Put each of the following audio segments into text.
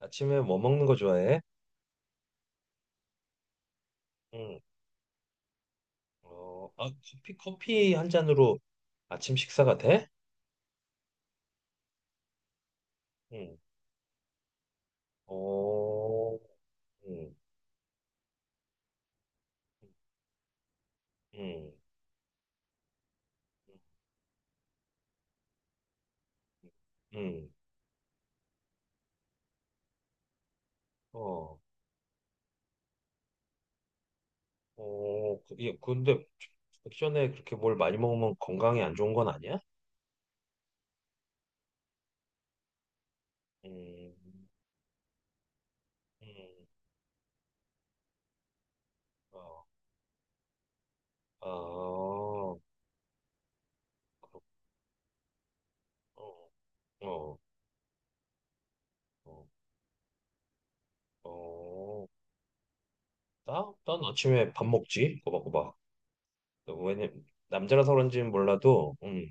아침에 뭐 먹는 거 좋아해? 응. 어, 아, 커피 한 잔으로 아침 식사가 돼? 응. 어, 응, 응, 응, 응, 응. 어, 어, 예, 근데 액션에 그렇게 뭘 많이 먹으면 건강에 안 좋은 건 아니야? 음, 음, 어, 아, 그렇, 어, 어, 어, 어. 난 아침에 밥 먹지, 꼬박꼬박. 왜냐, 남자라서 그런지는 몰라도, 응.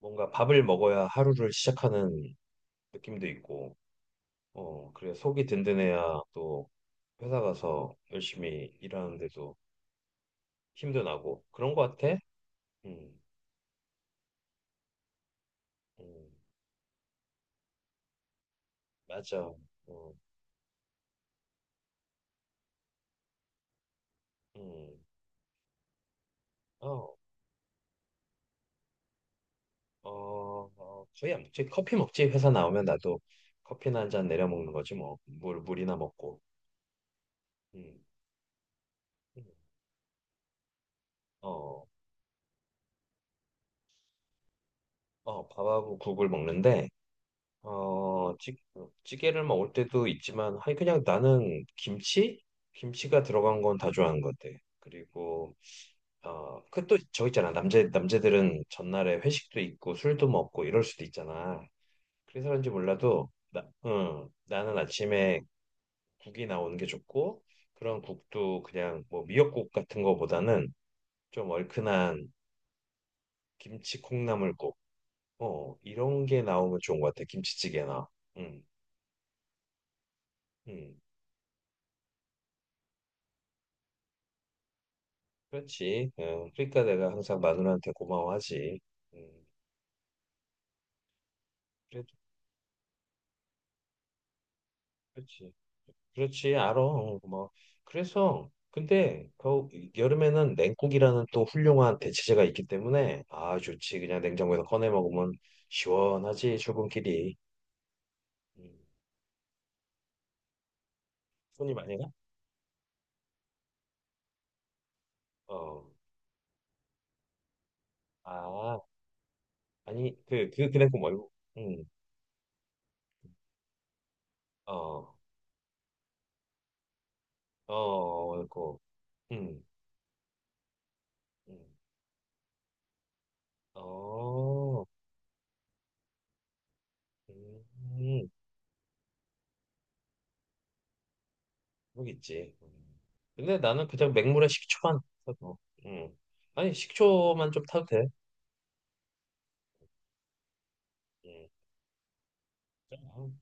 뭔가 밥을 먹어야 하루를 시작하는 느낌도 있고, 어, 그래 속이 든든해야 또 회사 가서 열심히 일하는데도 힘도 나고 그런 것 같아. 음, 음, 맞아. 어, 음, 어, 어, 어, 거의 안 먹지. 커피 먹지. 회사 나오면 나도 커피나 한잔 내려 먹는 거지 뭐. 물 물이나 먹고. 음, 음. 어, 어, 밥하고 국을 먹는데. 어, 찌개를 먹을 때도 있지만, 아니, 그냥 나는 김치? 김치가 들어간 건 다 좋아하는 것 같아. 그리고, 어, 그 또 저 있잖아. 남자들은 전날에 회식도 있고, 술도 먹고, 이럴 수도 있잖아. 그래서 그런지 몰라도, 나, 응, 나는 아침에 국이 나오는 게 좋고, 그런 국도 그냥 뭐 미역국 같은 거보다는 좀 얼큰한 김치 콩나물국, 어, 이런 게 나오면 좋은 것 같아. 김치찌개나. 응, 응. 그렇지. 어, 그러니까 내가 항상 마누라한테 고마워하지. 음, 그래, 그렇지. 그렇지. 알아. 어, 고마워. 그래서 근데 겨 여름에는 냉국이라는 또 훌륭한 대체제가 있기 때문에 아 좋지. 그냥 냉장고에서 꺼내 먹으면 시원하지. 출근길이. 음, 손이 많이 가? 어. 아 아니 그 냉국 말고. 음. 어. 어. 그. 음. 음. 어. 음. 모르겠지. 음. 근데 나는 그냥 맹물에 식초만 타도. 음. 아니 식초만 좀 타도 돼. 음. 음.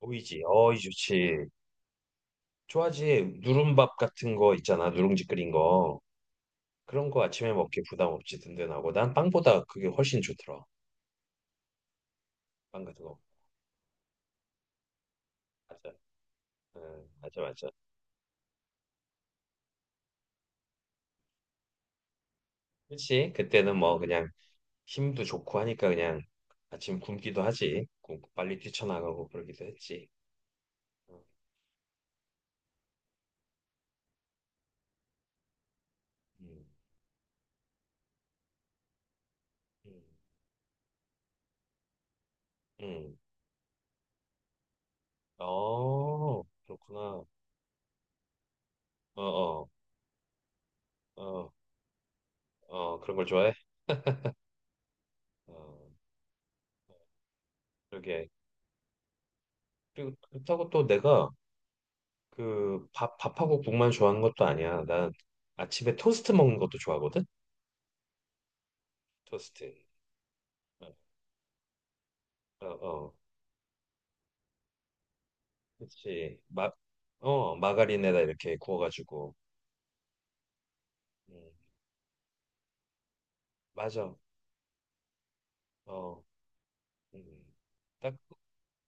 오이지, 어이 좋지. 좋아하지. 누룽밥 같은 거 있잖아. 누룽지 끓인 거. 그런 거 아침에 먹기 부담 없이 든든하고 난 빵보다 그게 훨씬 좋더라. 빵 같은 거. 맞아. 맞아 맞아. 그치? 그때는 뭐 그냥 힘도 좋고 하니까 그냥 아침 굶기도 하지. 굶고 빨리 뛰쳐나가고 그러기도 했지. 응, 음. 음. 음. 어, 그렇구나. 어, 어, 어, 어, 그런 걸 좋아해? 어, 그러게. 그리고 그렇다고 또 내가 그 밥하고 국만 좋아하는 것도 아니야. 난 아침에 토스트 먹는 것도 좋아하거든? 토스트. 어, 어, 어. 그치. 마가린에다 이렇게 구워가지고. 음, 맞아. 어, 음. 딱, 그,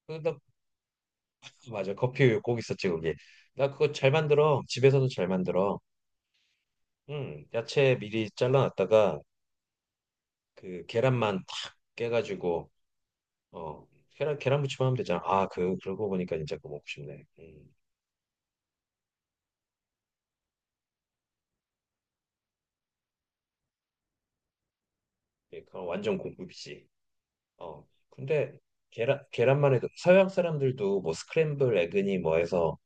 그, 딱, 그 맞아. 커피 꼭 있었지, 거기. 나 그거 잘 만들어. 집에서도 잘 만들어. 야채 미리 잘라놨다가 그 계란만 탁 깨가지고 어 계란무침 하면 되잖아. 아 그 그러고 보니까 진짜 그거 먹고 싶네. 예, 그건 완전 공급이지. 어 근데 계란만 해도 서양 사람들도 뭐 스크램블 에그니 뭐 해서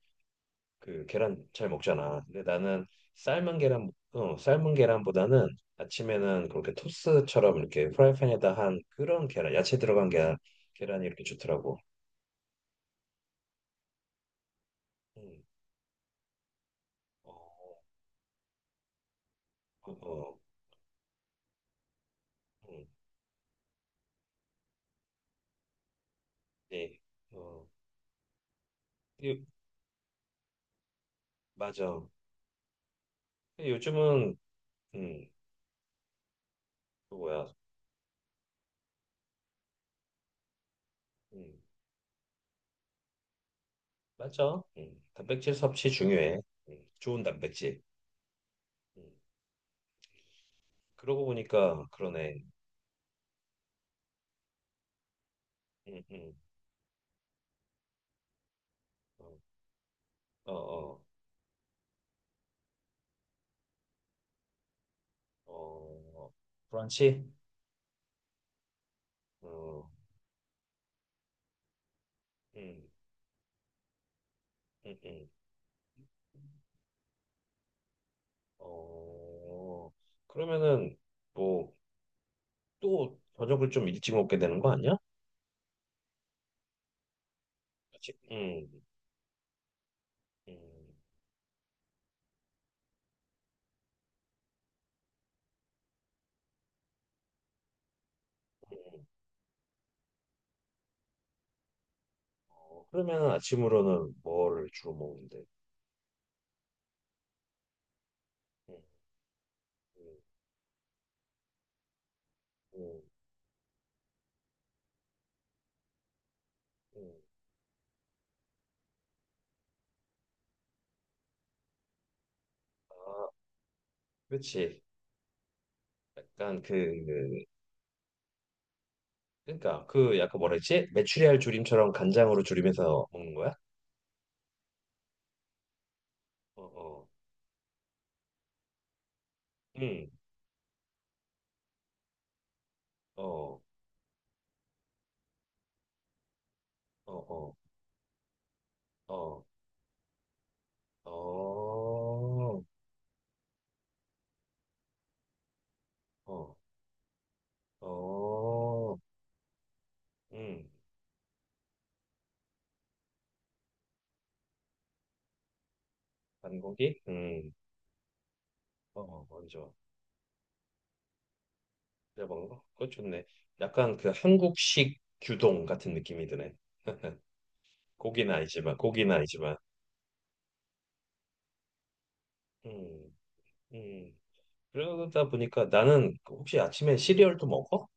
그 계란 잘 먹잖아. 근데 나는 삶은 계란보다는 아침에는 그렇게 토스처럼 이렇게 프라이팬에다 한 그런 계란 야채 들어간 계란 계란이 이렇게 좋더라고. 음, 어, 어, 어, 음, 네, 어, 이- 맞아. 근데 요즘은 음, 그 뭐야? 음, 맞아. 단백질 섭취 중요해. 좋은 단백질. 음, 그러고 보니까 그러네. 음, 음, 어, 어, 어, 어, 브런치? 어, 음, 음, 음. 어, 그러면은 뭐 또 저녁을 좀 일찍 먹게 되는 거 아니야? 아침, 음, 음. 어, 그러면은 아침으로는 뭐를 주로 먹는데? 음, 음, 음, 음. 아. 그렇지. 약간 그 그러니까 그 약간 뭐라 했지? 메추리알 조림처럼 간장으로 조림해서 먹는 거야? 어, 어. 응. 어. 어, 어. 어. 어. 어. 어. 음. 반고기? 음. 어, 어, 먼저. 내가 먹는 거? 그거 좋네. 약간 그 한국식 규동 같은 느낌이 드네. 고기는 아니지만 고기는 아니지만. 음. 음. 그러다 보니까 나는 혹시 아침에 시리얼도 먹어?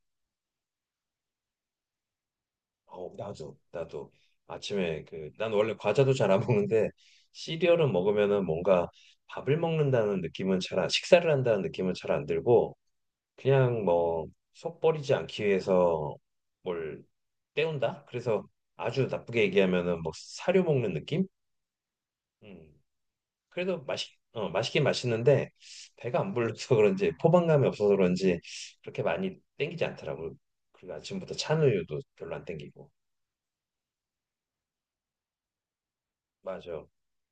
어, 나도 아침에 그, 난 원래 과자도 잘 안 먹는데 시리얼은 먹으면은 뭔가 밥을 먹는다는 느낌은 잘 안, 식사를 한다는 느낌은 잘 안 들고 그냥 뭐 속 버리지 않기 위해서 뭘 때운다? 그래서 아주 나쁘게 얘기하면은 뭐 사료 먹는 느낌? 음, 그래도 맛있긴 맛있는데 배가 안 불러서 그런지 포만감이 없어서 그런지 그렇게 많이 땡기지 않더라고. 그리고 아침부터 찬우유도 별로 안 땡기고. 맞아.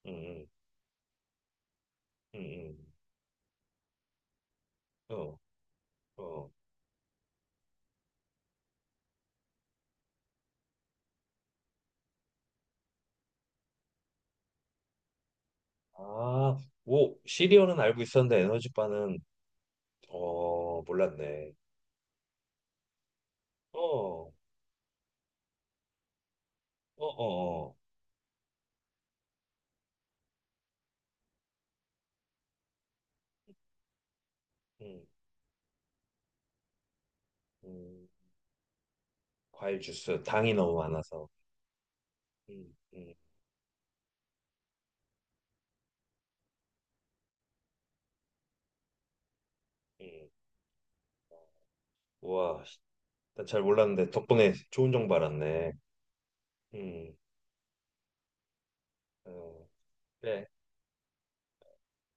음, 음. 음, 음. 어, 어. 아, 오, 시리얼은 알고 있었는데 에너지바는 어, 몰랐네. 어, 어, 어, 어. 음, 음. 과일 주스, 당이 너무 많아서. 음, 음, 음. 우와, 난잘 몰랐는데 덕분에 좋은 정보 알았네. 음, 어, 그래.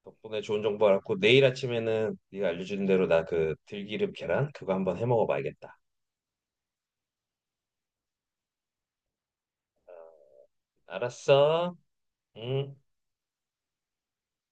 덕분에 좋은 정보 알았고 내일 아침에는 네가 알려준 대로 나 그 들기름 계란 그거 한번 해 먹어봐야겠다. 어, 알았어. 응.